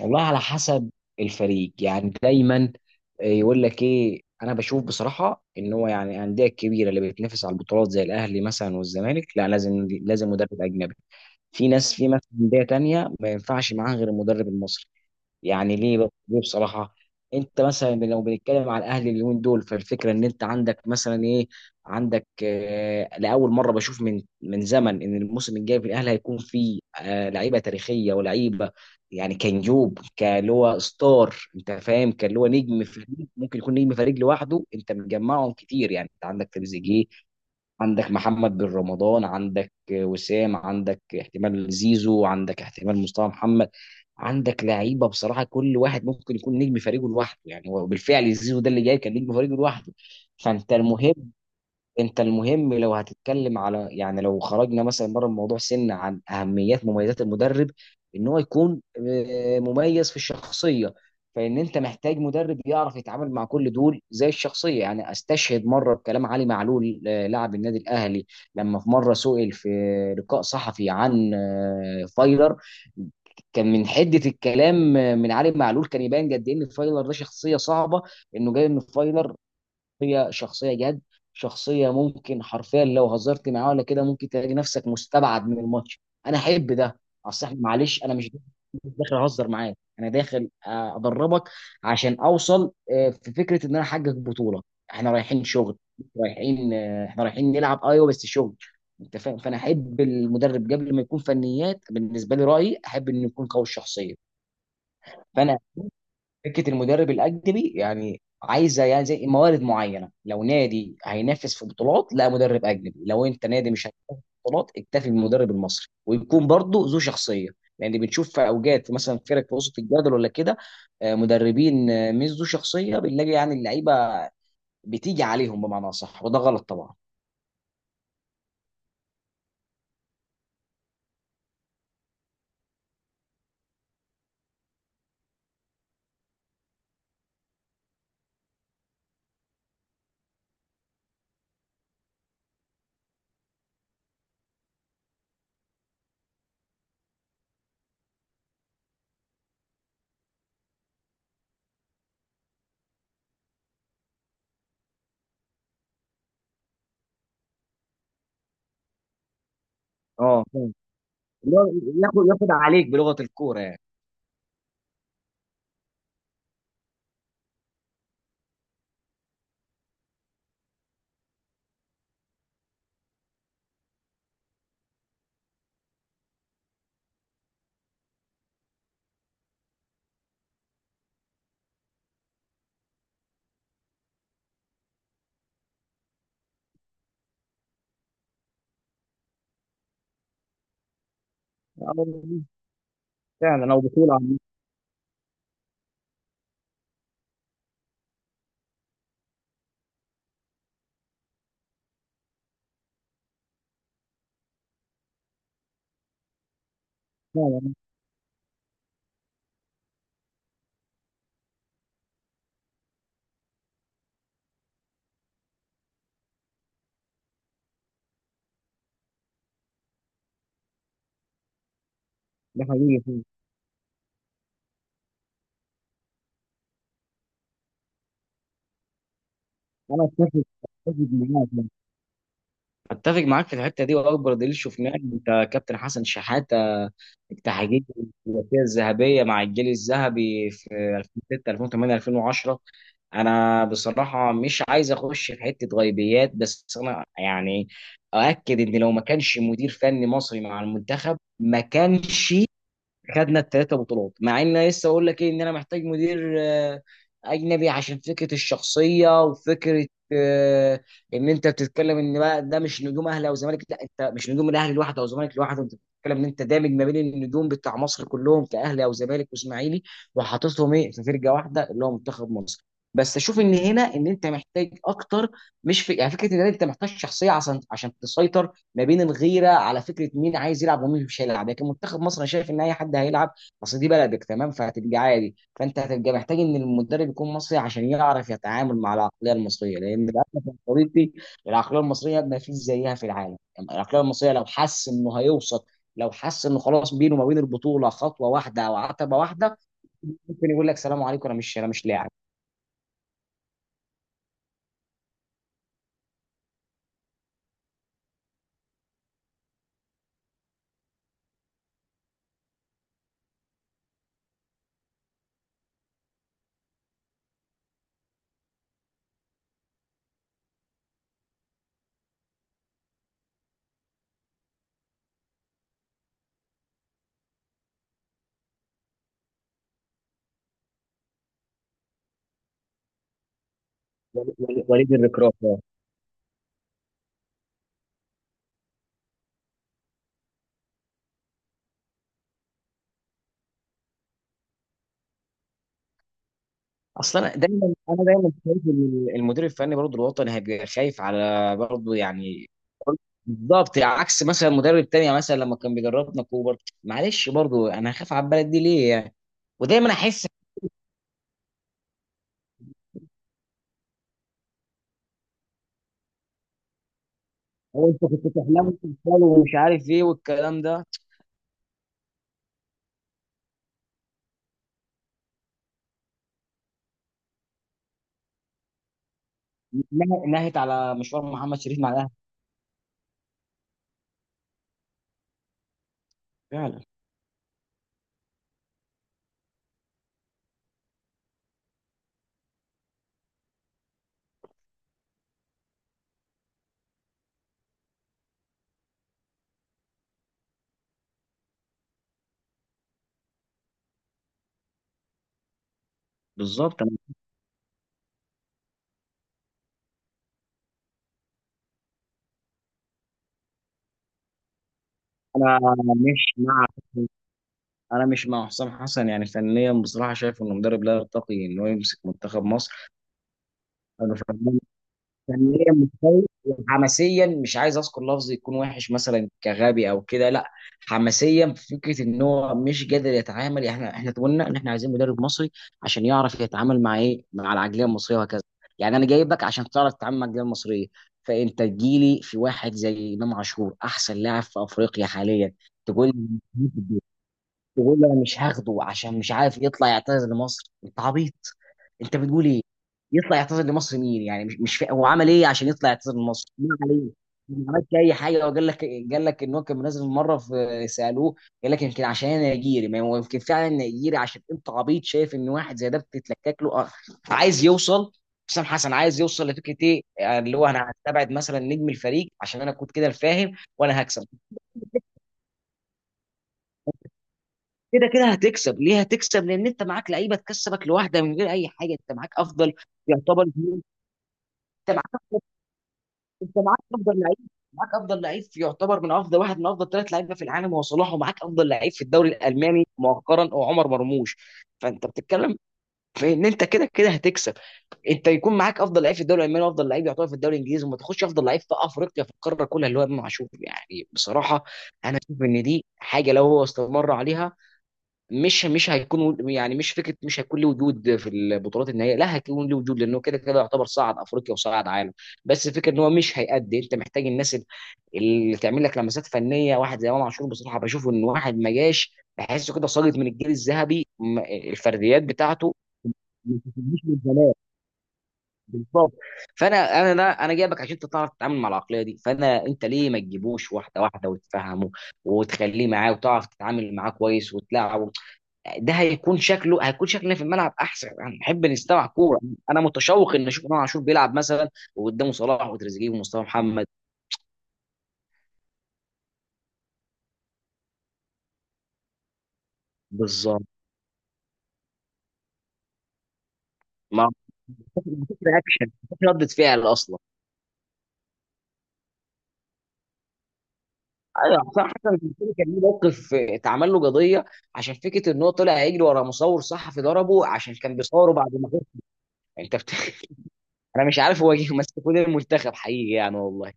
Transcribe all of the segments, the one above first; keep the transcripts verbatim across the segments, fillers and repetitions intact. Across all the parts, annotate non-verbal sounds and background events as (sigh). والله على حسب الفريق يعني دايما يقول لك ايه. انا بشوف بصراحه ان هو يعني الانديه الكبيره اللي بتنافس على البطولات زي الاهلي مثلا والزمالك، لا، لازم لازم مدرب اجنبي. في ناس في مثلا انديه تانية ما ينفعش معاها غير المدرب المصري. يعني ليه بقى؟ ليه بصراحه؟ انت مثلا لو بنتكلم على الاهلي اليومين دول، فالفكره ان انت عندك مثلا ايه، عندك آه لاول مره بشوف من من زمن ان الموسم الجاي في الاهلي هيكون فيه آه لعيبه تاريخيه ولعيبه. يعني كنجوب كان هو ستار، انت فاهم، كان هو نجم فريق، ممكن يكون نجم فريق لوحده. انت مجمعهم كتير، يعني انت عندك تريزيجيه، عندك محمد بن رمضان، عندك وسام، عندك احتمال زيزو، عندك احتمال مصطفى محمد. عندك لعيبه بصراحه كل واحد ممكن يكون نجم فريقه لوحده، يعني هو بالفعل زيزو ده اللي جاي كان نجم فريقه لوحده. فانت المهم، انت المهم لو هتتكلم على، يعني لو خرجنا مثلا بره الموضوع سنة عن اهميات مميزات المدرب، ان هو يكون آه، مميز في الشخصية. فان انت محتاج مدرب يعرف يتعامل مع كل دول زي الشخصية. يعني استشهد مرة بكلام علي معلول، آه، لاعب النادي الاهلي، لما في مرة سئل في لقاء صحفي عن آه، فايلر. كان من حده الكلام آه، من علي معلول كان يبان قد ايه ان فايلر ده شخصيه صعبه، انه جاي ان فايلر هي شخصية جد، شخصية ممكن حرفيا لو هزرت معاه ولا كده ممكن تلاقي نفسك مستبعد من الماتش. انا احب ده. اصل احنا معلش، انا مش مش داخل اهزر معاك، انا داخل، آه، ادربك عشان اوصل، آه، في فكرة ان انا احقق بطولة. احنا رايحين شغل، رايحين، آه، احنا رايحين نلعب، ايوه، بس شغل. انت فاهم؟ فانا احب المدرب قبل ما يكون فنيات، بالنسبة لي رأيي، احب انه يكون قوي الشخصية. فانا فكره المدرب الاجنبي يعني عايزه يعني زي موارد معينه. لو نادي هينافس في بطولات، لا، مدرب اجنبي. لو انت نادي مش هينافس في بطولات، اكتفي بالمدرب المصري ويكون برضه ذو شخصيه. لان بنشوف في اوجات في مثلا فرق في وسط الجدول ولا كده، آه، مدربين آه، مش ذو شخصيه، بنلاقي يعني اللعيبه بتيجي عليهم بمعنى صح، وده غلط طبعا. اه فعلا، اللي هو ياخد ياخد عليك بلغه الكوره يعني. آه، فعلا، او بطوله عامة. فعلا، ده حقيقي فيه. انا اتفق، اتفق معاك اتفق معاك في الحته دي. واكبر دليل شفناه إن انت كابتن حسن شحاته، التحقيق، الثلاثيه الذهبيه مع الجيل الذهبي في ألفين وستة ألفين وتمانية ألفين وعشرة. انا بصراحه مش عايز اخش في حته غيبيات، بس انا يعني اؤكد ان لو ما كانش مدير فني مصري مع المنتخب ما كانش خدنا الثلاثه بطولات. مع ان أنا لسه اقول لك ايه، ان انا محتاج مدير آه، اجنبي عشان فكره الشخصيه وفكره، آه، ان انت بتتكلم ان بقى ده مش نجوم اهلي او زمالك، لا، انت مش نجوم الاهلي لوحده او زمالك لوحده، انت بتتكلم ان انت دامج ما بين النجوم بتاع مصر كلهم كاهلي او زمالك واسماعيلي، وحاططهم ايه في فرقه واحده اللي هو منتخب مصر. بس اشوف ان هنا ان انت محتاج اكتر، مش في يعني فكره ان انت محتاج شخصيه عشان عشان تسيطر ما بين الغيره على فكره مين عايز يلعب ومين مش هيلعب. لكن منتخب مصر انا شايف ان اي حد هيلعب، اصل دي بلدك، تمام، فهتبقى عادي. فانت هتبقى محتاج ان المدرب يكون مصري عشان يعرف يتعامل مع العقليه المصريه، لان للاسف يا صديقي العقليه المصريه ما فيش زيها في العالم. العقليه المصريه لو حس انه هيوصل، لو حس انه خلاص بينه وما بين البطوله خطوه واحده او عتبه واحده، ممكن يقول لك سلام عليكم، انا مش، انا مش لاعب. وليد الركراف. اصل انا دايما انا دايما شايف إن المدير الفني برضه الوطني هيبقى خايف على برضه يعني، بالظبط، عكس مثلا مدرب تاني مثلا لما كان بيدربنا كوبر. معلش برضه انا هخاف على البلد دي ليه يعني؟ ودايما احس هو انت كنت تحلم وتتخيل ومش عارف ايه والكلام ده. نه- نهت على مشوار محمد شريف مع الاهلي. فعلا، بالظبط. انا، أنا مش مع انا مش مع حسام حسن. يعني فنيا بصراحه شايف انه مدرب لا يرتقي انه يمسك منتخب مصر. انا فنان، فنيا متفوق، وحماسيا مش عايز اذكر لفظ يكون وحش مثلا كغبي او كده، لا. حماسيا في فكره ان هو مش قادر يتعامل. يعني احنا احنا قلنا ان احنا عايزين مدرب مصري عشان يعرف يتعامل مع ايه، مع العقليه المصريه وهكذا. يعني انا جايبك عشان تعرف تتعامل مع العقليه المصريه، فانت تجيلي في واحد زي امام عاشور، احسن لاعب في افريقيا حاليا، تقول لي تقول لي انا مش هاخده عشان مش عارف يطلع يعتذر لمصر؟ انت عبيط. انت بتقول ايه؟ يطلع يعتذر لمصر مين يعني؟ مش مش فا... هو عمل ايه عشان يطلع يعتذر لمصر ما عليه. ما عملش اي حاجه. وقال لك، قال لك ان هو كان منزل مره في سالوه، قال لك يمكن عشان انا نيجيري، ما هو يمكن فعلا نيجيري عشان انت عبيط شايف ان واحد زي ده بتتلكك له آه. عايز يوصل حسام حسن، عايز يوصل لفكره ايه، آه، اللي هو انا هستبعد مثلا نجم الفريق عشان انا كنت كده الفاهم، وانا هكسب. كده كده هتكسب. ليه هتكسب؟ لان انت معاك لعيبه تكسبك لوحده من غير اي حاجه. انت معاك افضل، يعتبر، انت معاك انت معاك افضل لعيب، معاك افضل لعيب في- يعتبر من افضل واحد من افضل ثلاث لعيبه في العالم هو صلاح، ومعاك افضل لعيب في الدوري الالماني مؤخرا هو عمر مرموش. فانت بتتكلم في ان انت كده كده هتكسب. انت يكون معاك افضل لعيب في الدوري الالماني وافضل لعيب يعتبر في الدوري الانجليزي، وما تاخدش افضل لعيب في افريقيا في القاره كلها اللي هو امام عاشور. يعني بصراحه انا شايف ان دي حاجه، لو هو استمر عليها مش مش هيكون، يعني مش فكره مش هيكون له وجود في البطولات النهائيه، لا هيكون له وجود لانه كده كده يعتبر صعد افريقيا وصعد عالم. بس الفكره ان هو مش هيأدي. انت محتاج الناس ال- اللي تعمل لك لمسات فنيه. واحد زي امام عاشور بصراحه بشوفه ان واحد ما جاش، بحسه كده ساقط من الجيل الذهبي. م- الفرديات بتاعته ما بتجيش من زمان. بالظبط. فانا انا لا انا جايبك عشان انت تعرف تتعامل مع العقليه دي. فانا انت ليه ما تجيبوش واحده واحده وتفهمه وتخليه معاه وتعرف تتعامل معاه كويس وتلاعبه؟ ده هيكون شكله، هيكون شكلنا في الملعب احسن، هنحب نستمع كوره. انا متشوق ان اشوف امام عاشور بيلعب مثلا، وقدامه صلاح وتريزيجيه ومصطفى محمد. بالظبط. ما بتفرق اكشن، بتفرق ردة فعل اصلا. ايوه، حسام حسن في الفيلم كان ليه موقف، آه، اتعمل له قضيه عشان فكره ان هو طلع يجري ورا مصور صحفي ضربه عشان كان بيصوره بعد ما خسر. انت بت... (laughs) انا مش عارف هو جه ماسك فين المنتخب حقيقي يعني والله.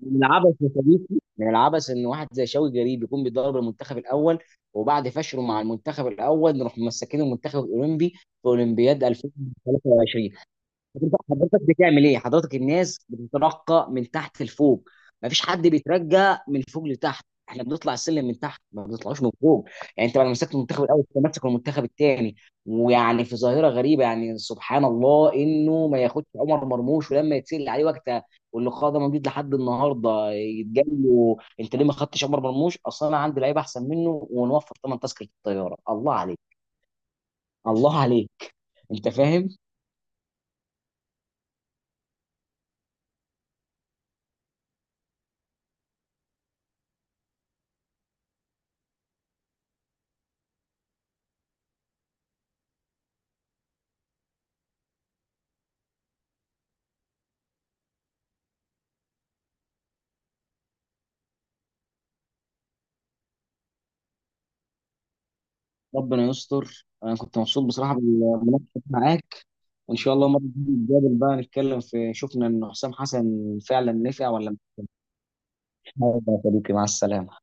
من العبث يا صديقي، من العبث ان واحد زي شوقي جريب يكون بيدرب المنتخب الاول، وبعد فشله مع المنتخب الاول نروح مسكين المنتخب الاولمبي في اولمبياد ألفين وتلاتة وعشرين. حضرتك حضرتك بتعمل ايه؟ حضرتك الناس بتترقى من تحت لفوق، مفيش حد بيترجى من فوق لتحت. احنا بنطلع السلم من تحت، ما بنطلعوش من فوق. يعني انت بعد ما مسكت المنتخب الاول انت ماسك المنتخب الثاني. ويعني في ظاهره غريبه، يعني سبحان الله، انه ما ياخدش عمر مرموش. ولما يتسال عليه وقتها، واللقاء ده موجود لحد النهارده، يتقال له انت ليه ما خدتش عمر مرموش؟ اصلا انا عندي لعيب احسن منه ونوفر ثمن تذكره الطياره. الله عليك. الله عليك. انت فاهم. ربنا يستر. انا كنت مبسوط بصراحه بالمناقشه معاك، وان شاء الله مره تيجي نتقابل بقى نتكلم في، شفنا ان حسام حسن فعلا نفع ولا مش نافع. يا صديقي مع السلامه.